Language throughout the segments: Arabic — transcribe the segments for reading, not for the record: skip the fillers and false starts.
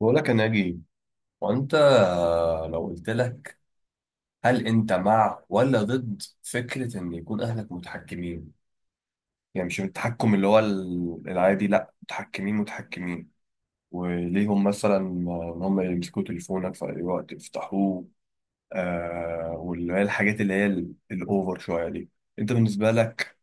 بقول لك يا ناجي وانت، لو قلت لك، هل انت مع ولا ضد فكرة ان يكون اهلك متحكمين؟ يعني مش التحكم اللي هو العادي، لا، متحكمين متحكمين، وليهم مثلا ان هم يمسكوا تليفونك في اي وقت يفتحوه، واللي هي الحاجات اللي هي الاوفر شوية دي. انت بالنسبة لك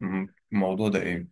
م- الموضوع ده ايه؟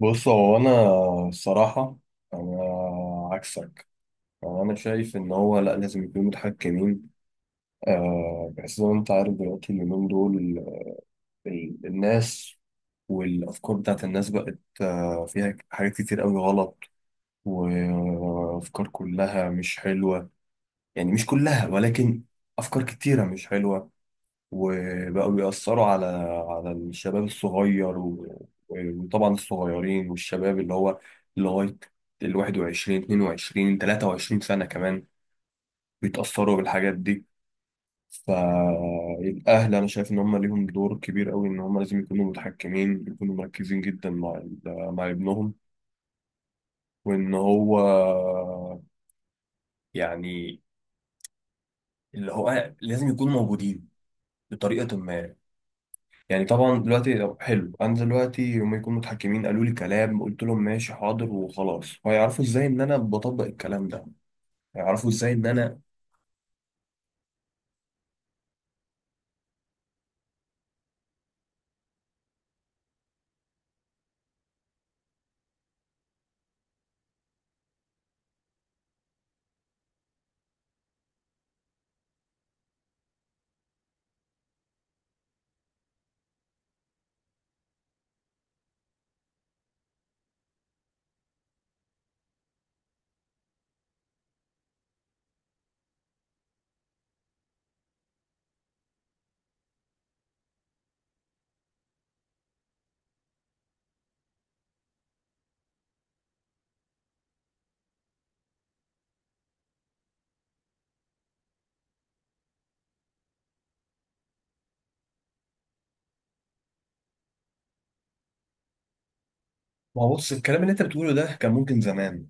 بص، هو انا الصراحة انا عكسك. انا شايف ان هو لا، لازم يكونوا متحكمين، بحيث زي ما انت عارف دلوقتي اليومين دول، الناس والافكار بتاعت الناس بقت فيها حاجات كتير قوي غلط، وافكار كلها مش حلوة، يعني مش كلها، ولكن افكار كتيرة مش حلوة، وبقوا بيأثروا على الشباب الصغير، وطبعا الصغيرين والشباب اللي هو لغاية ال 21 22 23 سنة كمان، بيتأثروا بالحاجات دي. فالأهل أنا شايف إن هم ليهم دور كبير أوي، إن هم لازم يكونوا متحكمين، يكونوا مركزين جدا مع مع ابنهم، وإن هو يعني اللي هو لازم يكونوا موجودين بطريقة ما. يعني طبعا دلوقتي، طب حلو، أنا دلوقتي هم يكونوا متحكمين، قالوا لي كلام، قلت لهم ماشي حاضر وخلاص، هيعرفوا إزاي إن أنا بطبق الكلام ده؟ هيعرفوا إزاي إن أنا؟ ما هو بص، الكلام اللي أنت بتقوله ده كان ممكن زمان.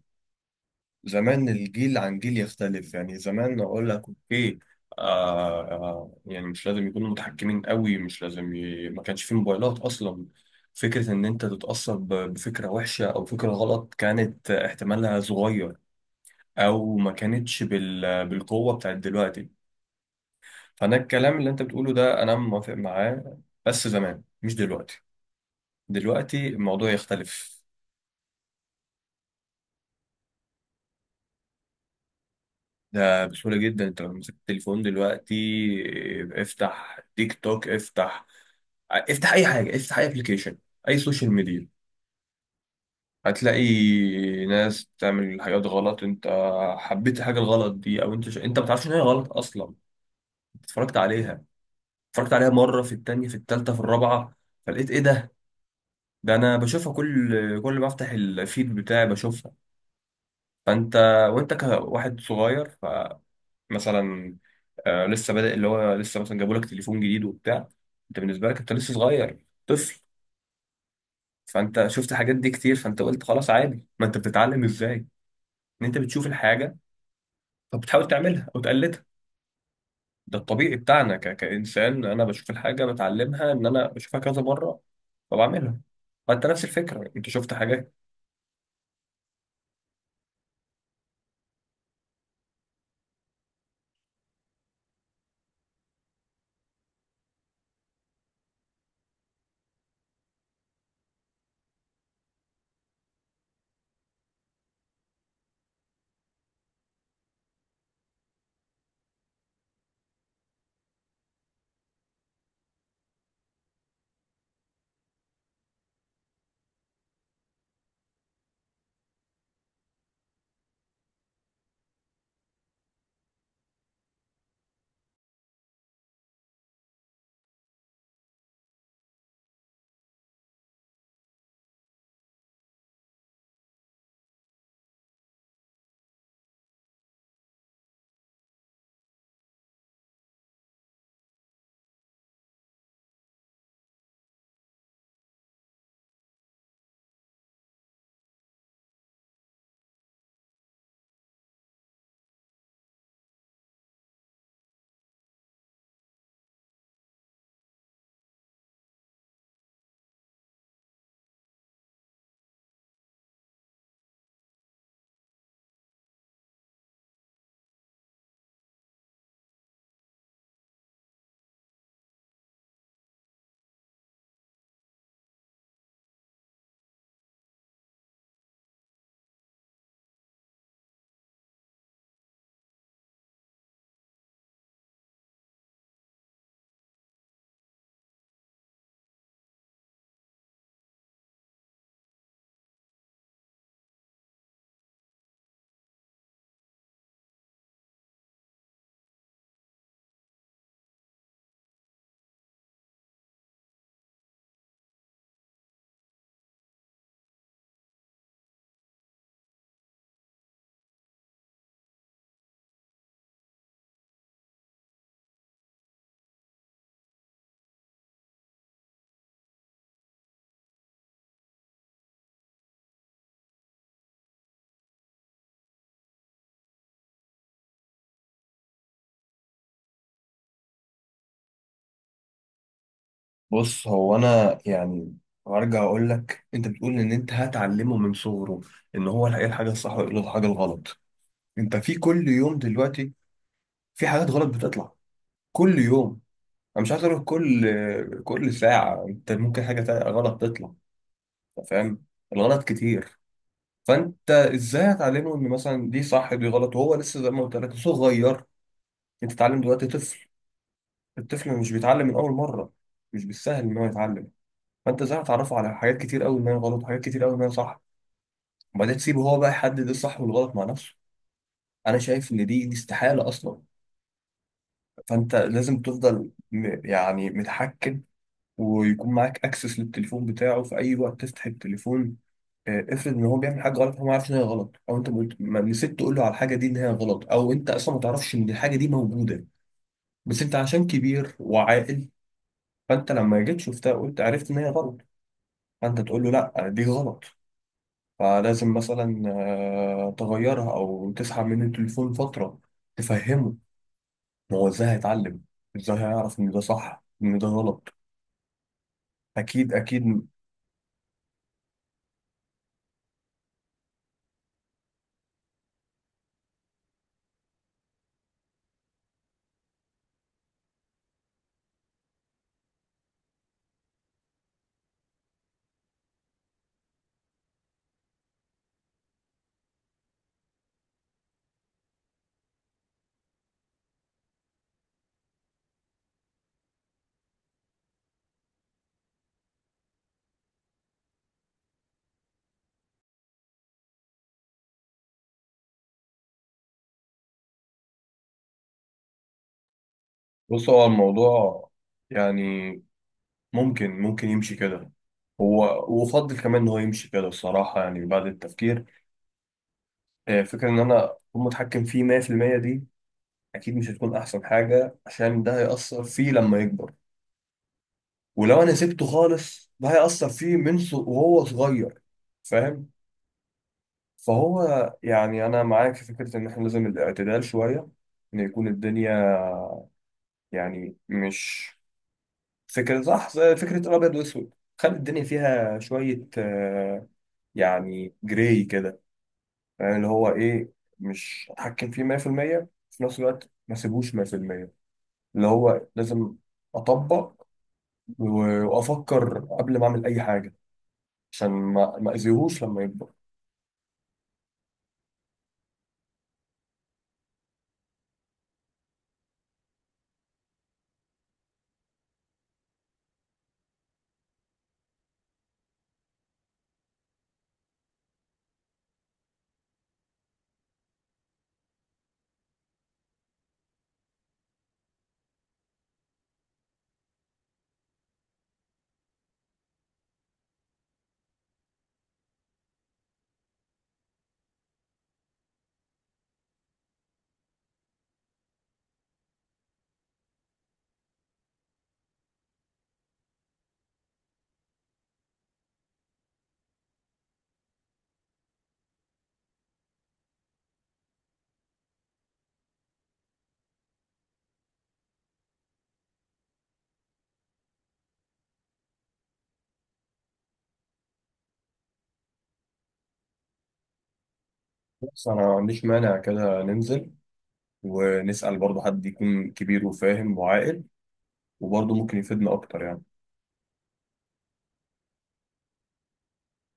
زمان الجيل عن جيل يختلف، يعني زمان اقول لك اوكي، يعني مش لازم يكونوا متحكمين قوي، مش لازم ما كانش في موبايلات اصلا. فكرة ان انت تتأثر بفكرة وحشة او فكرة غلط كانت احتمالها صغير، او ما كانتش بالقوة بتاعت دلوقتي. فانا الكلام اللي انت بتقوله ده انا موافق معاه، بس زمان مش دلوقتي. دلوقتي الموضوع يختلف. ده بسهولة جدا، انت لو مسكت التليفون دلوقتي، اه، افتح تيك توك، افتح، افتح اي حاجة، افتح اي ابلكيشن، اي سوشيال ميديا، هتلاقي ناس بتعمل حاجات غلط. انت حبيت الحاجة الغلط دي، او انت ما بتعرفش ان هي غلط اصلا، اتفرجت عليها، مرة، في التانية، في التالتة، في الرابعة، فلقيت ايه ده؟ ده انا بشوفها كل ما افتح الفيد بتاعي بشوفها. فانت وانت كواحد صغير، مثلا لسه بادئ، اللي هو لسه مثلا جابوا لك تليفون جديد وبتاع، انت بالنسبه لك انت لسه صغير طفل، فانت شفت حاجات دي كتير، فانت قلت خلاص عادي، ما انت بتتعلم ازاي ان انت بتشوف الحاجه فبتحاول تعملها او تقلدها. ده الطبيعي بتاعنا كانسان، انا بشوف الحاجه بتعلمها، ان انا بشوفها كذا مره فبعملها. فانت نفس الفكره، انت شفت حاجات. بص، هو انا يعني هرجع اقول لك، انت بتقول ان انت هتعلمه من صغره ان هو ايه الحاجه الصح وايه الحاجه الغلط. انت في كل يوم دلوقتي في حاجات غلط بتطلع كل يوم. انا مش عايز اروح كل ساعه، انت ممكن حاجه تانية غلط تطلع. أنت فاهم؟ الغلط كتير. فانت ازاي هتعلمه ان مثلا دي صح دي غلط، وهو لسه زي ما قلت لك صغير؟ انت تتعلم دلوقتي طفل، الطفل مش بيتعلم من اول مره، مش بالسهل ان هو يتعلم. فانت ازاي هتعرفه على حاجات كتير قوي ما هي غلط، وحاجات كتير قوي ما هي صح، وبعدين تسيبه هو بقى يحدد إيه الصح والغلط مع نفسه؟ انا شايف ان دي استحاله اصلا. فانت لازم تفضل يعني متحكم، ويكون معاك اكسس للتليفون بتاعه، في اي وقت تفتح التليفون. افرض ان هو بيعمل حاجه غلط، هو ما عارفش ان هي غلط، او انت ما نسيت تقول له على الحاجه دي ان هي غلط، او انت اصلا ما تعرفش ان الحاجه دي موجوده، بس انت عشان كبير وعاقل، فانت لما جيت شفتها قلت، عرفت ان هي غلط، فانت تقول له لا دي غلط. فلازم مثلا تغيرها او تسحب منه التليفون فتره، تفهمه. هو ازاي هيتعلم؟ ازاي هيعرف ان ده صح ان ده غلط؟ اكيد اكيد. بص، هو الموضوع يعني ممكن، يمشي كده، هو وافضل كمان ان هو يمشي كده الصراحه، يعني بعد التفكير. فكره ان انا اكون متحكم فيه 100% دي، اكيد مش هتكون احسن حاجه، عشان ده هيأثر فيه لما يكبر، ولو انا سبته خالص ده هيأثر فيه من وهو صغير، فاهم؟ فهو، يعني أنا معاك في فكرة إن إحنا لازم الاعتدال شوية، إن يكون الدنيا يعني مش فكرة صح زي فكرة الأبيض وأسود، خلي الدنيا فيها شوية يعني جراي كده، يعني اللي هو إيه، مش أتحكم فيه 100% في المية، في نفس الوقت ما سيبوش 100%، اللي هو لازم أطبق وأفكر قبل ما أعمل أي حاجة، عشان ما أذيهوش لما يكبر. بس أنا ما عنديش مانع كده ننزل ونسأل برضه حد يكون كبير وفاهم وعاقل، وبرضه ممكن يفيدنا أكتر يعني.